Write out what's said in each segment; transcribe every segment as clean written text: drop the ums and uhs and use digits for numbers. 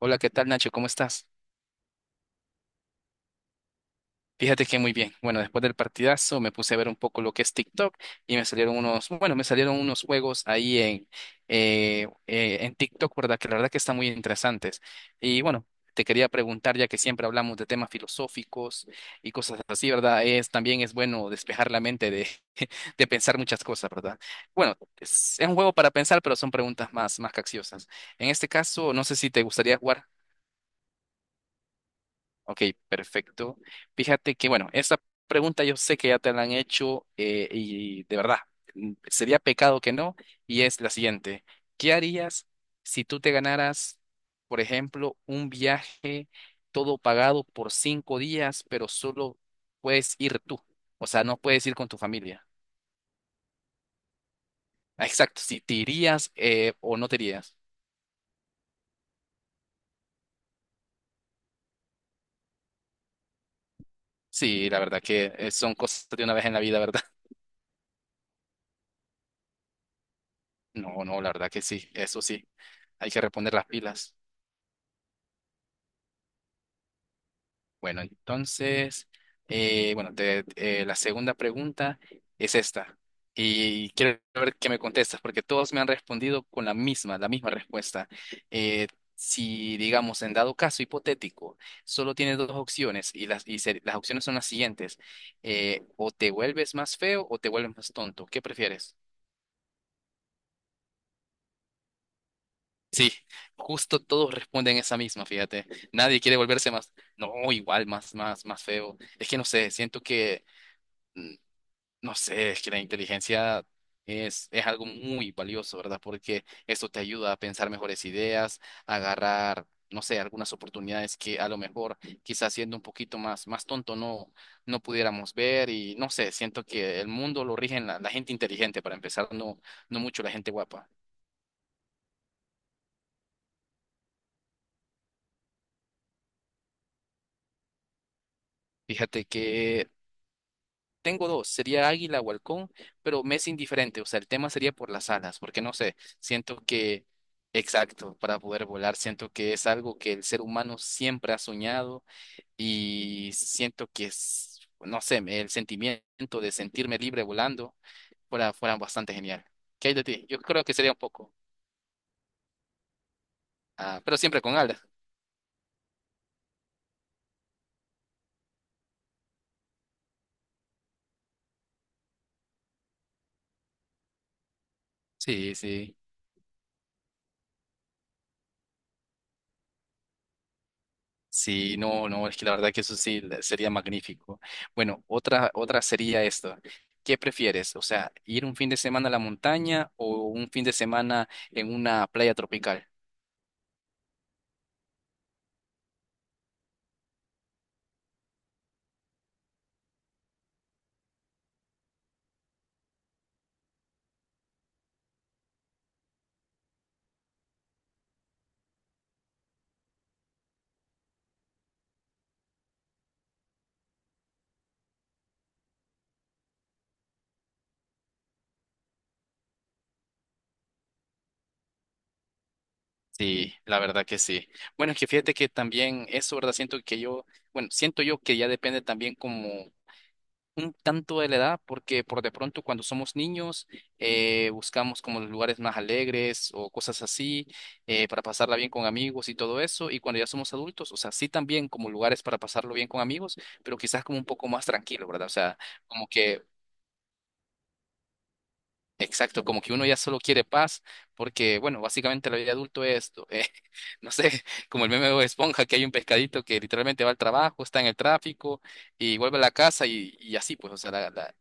Hola, ¿qué tal, Nacho? ¿Cómo estás? Fíjate que muy bien. Bueno, después del partidazo me puse a ver un poco lo que es TikTok y me salieron unos, bueno, me salieron unos juegos ahí en TikTok, ¿verdad? Que la verdad que están muy interesantes. Y bueno, te quería preguntar, ya que siempre hablamos de temas filosóficos y cosas así, ¿verdad? Es, también es bueno despejar la mente de, de pensar muchas cosas, ¿verdad? Bueno, es un juego para pensar, pero son preguntas más, más capciosas. En este caso, no sé si te gustaría jugar. Ok, perfecto. Fíjate que, bueno, esa pregunta yo sé que ya te la han hecho, y de verdad, sería pecado que no, y es la siguiente. ¿Qué harías si tú te ganaras, por ejemplo, un viaje todo pagado por 5 días, pero solo puedes ir tú? O sea, no puedes ir con tu familia. Ah, exacto, si te irías o no te irías. Sí, la verdad que son cosas de una vez en la vida, ¿verdad? No, no, la verdad que sí, eso sí, hay que reponer las pilas. Bueno, entonces, la segunda pregunta es esta. Y quiero ver qué me contestas, porque todos me han respondido con la misma respuesta. Eh, si, digamos, en dado caso hipotético, solo tienes dos opciones y las opciones son las siguientes. O te vuelves más feo o te vuelves más tonto. ¿Qué prefieres? Sí, justo todos responden esa misma, fíjate. Nadie quiere volverse más, no, igual, más feo. Es que no sé, siento que mm, no sé, es que la inteligencia es algo muy valioso, ¿verdad? Porque esto te ayuda a pensar mejores ideas, a agarrar, no sé, algunas oportunidades que a lo mejor quizás siendo un poquito más tonto no, no pudiéramos ver. Y no sé, siento que el mundo lo rigen la gente inteligente para empezar, no, no mucho la gente guapa. Fíjate que tengo dos, sería águila o halcón, pero me es indiferente. O sea, el tema sería por las alas, porque no sé, siento que, exacto, para poder volar, siento que es algo que el ser humano siempre ha soñado y siento que es, no sé, me- el sentimiento de sentirme libre volando fuera bastante genial. ¿Qué hay de ti? Yo creo que sería un poco, ah, pero siempre con alas. Sí, sí. Sí, no, no, es que la verdad que eso sí le- sería magnífico. Bueno, otra sería esto. ¿Qué prefieres? O sea, ir un fin de semana a la montaña o un fin de semana en una playa tropical. Sí, la verdad que sí. Bueno, es que fíjate que también eso, ¿verdad? Siento que yo, bueno, siento yo que ya depende también como un tanto de la edad, porque por de pronto cuando somos niños, buscamos como los lugares más alegres o cosas así, para pasarla bien con amigos y todo eso, y cuando ya somos adultos, o sea, sí también como lugares para pasarlo bien con amigos, pero quizás como un poco más tranquilo, ¿verdad? O sea, como que, exacto, como que uno ya solo quiere paz, porque bueno, básicamente la vida de adulto es esto, no sé, como el meme de Bob Esponja, que hay un pescadito que literalmente va al trabajo, está en el tráfico y vuelve a la casa y así, pues, o sea, la-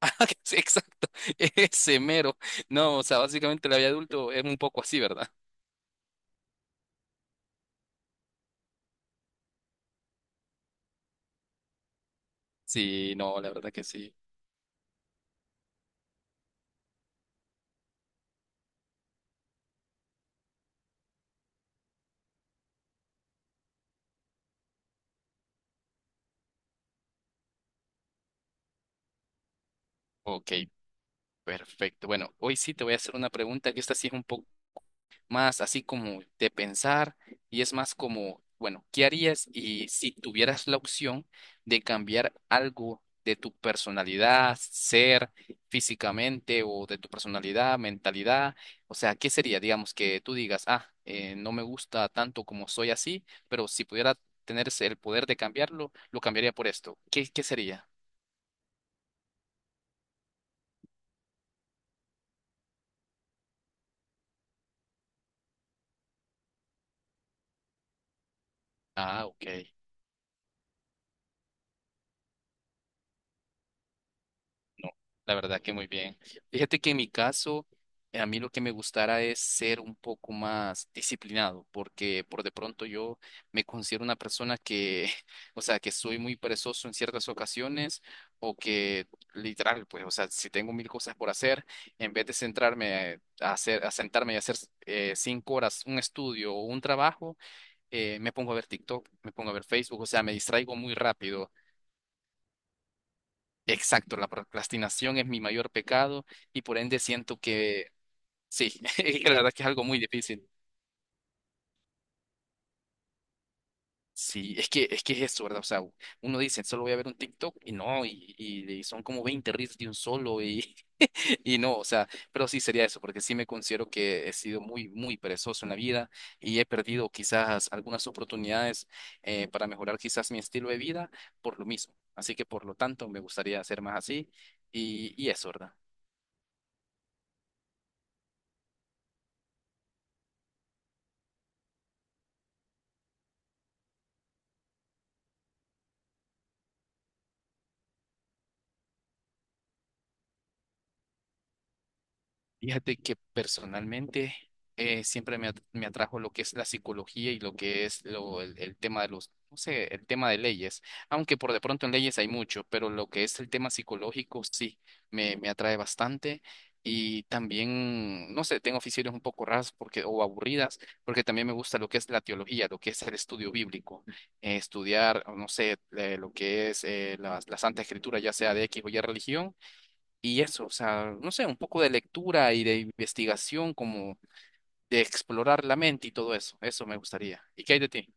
sí, exacto, ese mero. No, o sea, básicamente la vida adulto es un poco así, ¿verdad? Sí, no, la verdad que sí. Ok, perfecto. Bueno, hoy sí te voy a hacer una pregunta que esta sí es un poco más así como de pensar y es más como, bueno, ¿qué harías y si tuvieras la opción de cambiar algo de tu personalidad, ser físicamente o de tu personalidad, mentalidad? O sea, ¿qué sería? Digamos que tú digas, ah, no me gusta tanto como soy así, pero si pudiera tener ese- el poder de cambiarlo, lo cambiaría por esto. ¿Qué, qué sería? Ah, ok. No, la verdad que muy bien. Fíjate que en mi caso, a mí lo que me gustara es ser un poco más disciplinado, porque por de pronto yo me considero una persona que, o sea, que soy muy perezoso en ciertas ocasiones o que literal, pues, o sea, si tengo mil cosas por hacer, en vez de centrarme a hacer, a sentarme y hacer 5 horas un estudio o un trabajo, me pongo a ver TikTok, me pongo a ver Facebook. O sea, me distraigo muy rápido. Exacto, la procrastinación es mi mayor pecado y por ende siento que sí, que la verdad que es algo muy difícil. Sí, es que es eso, ¿verdad? O sea, uno dice, solo voy a ver un TikTok y no, y son como 20 reels de un solo y, y no, o sea, pero sí sería eso, porque sí me considero que he sido muy, muy perezoso en la vida y he perdido quizás algunas oportunidades, para mejorar quizás mi estilo de vida por lo mismo. Así que por lo tanto me gustaría ser más así y eso, ¿verdad? Fíjate que personalmente, me atrajo lo que es la psicología y lo que es el tema de los, no sé, el tema de leyes, aunque por de pronto en leyes hay mucho, pero lo que es el tema psicológico sí, me atrae bastante. Y también, no sé, tengo aficiones un poco raras porque, o aburridas, porque también me gusta lo que es la teología, lo que es el estudio bíblico, estudiar, no sé, lo que es la Santa Escritura, ya sea de X o Y religión. Y eso, o sea, no sé, un poco de lectura y de investigación, como de explorar la mente y todo eso. Eso me gustaría. ¿Y qué hay de ti?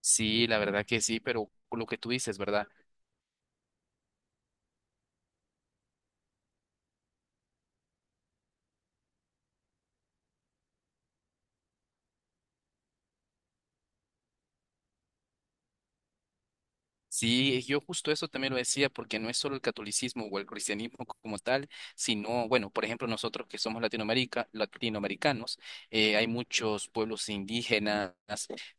Sí, la verdad que sí, pero lo que tú dices, ¿verdad? Sí, yo justo eso también lo decía, porque no es solo el catolicismo o el cristianismo como tal, sino, bueno, por ejemplo, nosotros que somos Latinoamérica, latinoamericanos, hay muchos pueblos indígenas,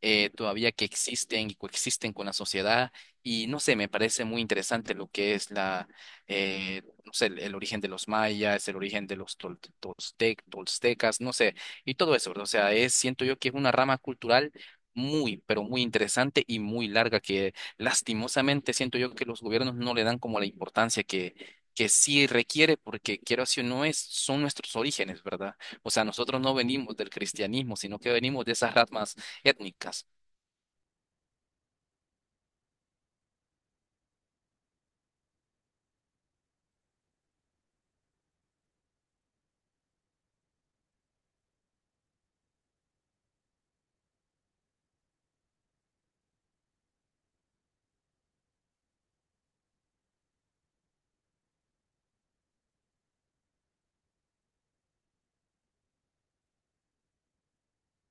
todavía que existen y coexisten con la sociedad, y no sé, me parece muy interesante lo que es no sé, el origen de los mayas, el origen de los toltecas, no sé, y todo eso, ¿verdad? O sea, es, siento yo que es una rama cultural. Muy, pero muy interesante y muy larga. Lastimosamente siento yo que los gobiernos no le dan como la importancia que sí requiere, porque quiero así o no es, son nuestros orígenes, ¿verdad? O sea, nosotros no venimos del cristianismo, sino que venimos de esas ramas étnicas.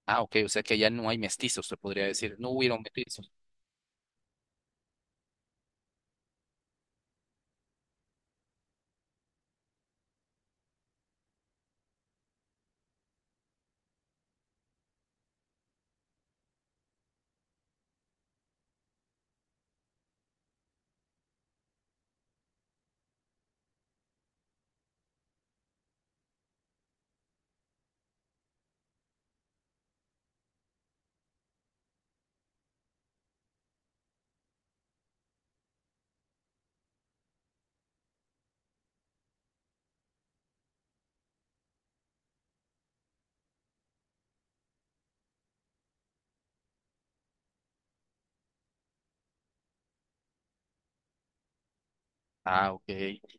Ah, ok, o sea que ya no hay mestizos, se podría decir, no hubieron mestizos. Ah, ok.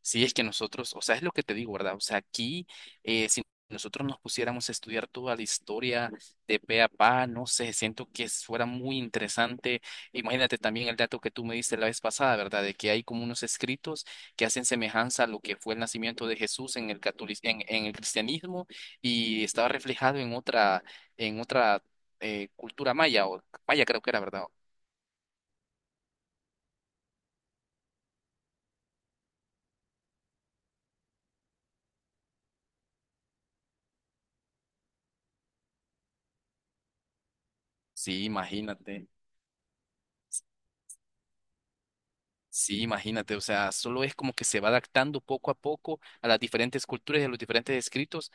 Sí, es que nosotros, o sea, es lo que te digo, ¿verdad? O sea, aquí, si nosotros nos pusiéramos a estudiar toda la historia de pe a pa, no sé, siento que fuera muy interesante. Imagínate también el dato que tú me diste la vez pasada, ¿verdad? De que hay como unos escritos que hacen semejanza a lo que fue el nacimiento de Jesús en el en el cristianismo y estaba reflejado en en otra, cultura maya, o maya creo que era, ¿verdad? Sí, imagínate. Sí, imagínate, o sea, solo es como que se va adaptando poco a poco a las diferentes culturas y a los diferentes escritos.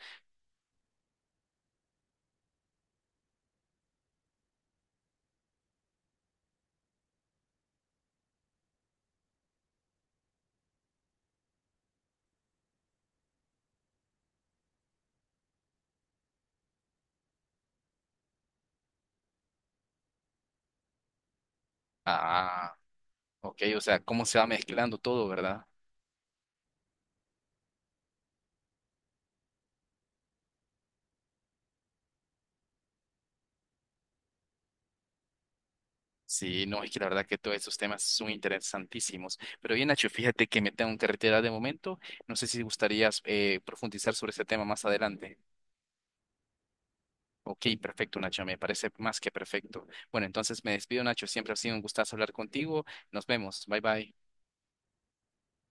Ah, ok, o sea, cómo se va mezclando todo, ¿verdad? Sí, no, es que la verdad que todos esos temas son interesantísimos. Pero bien, Nacho, fíjate que me tengo que retirar de momento. No sé si gustarías, profundizar sobre ese tema más adelante. Ok, perfecto, Nacho, me parece más que perfecto. Bueno, entonces me despido, Nacho. Siempre ha sido un gustazo hablar contigo. Nos vemos. Bye, bye.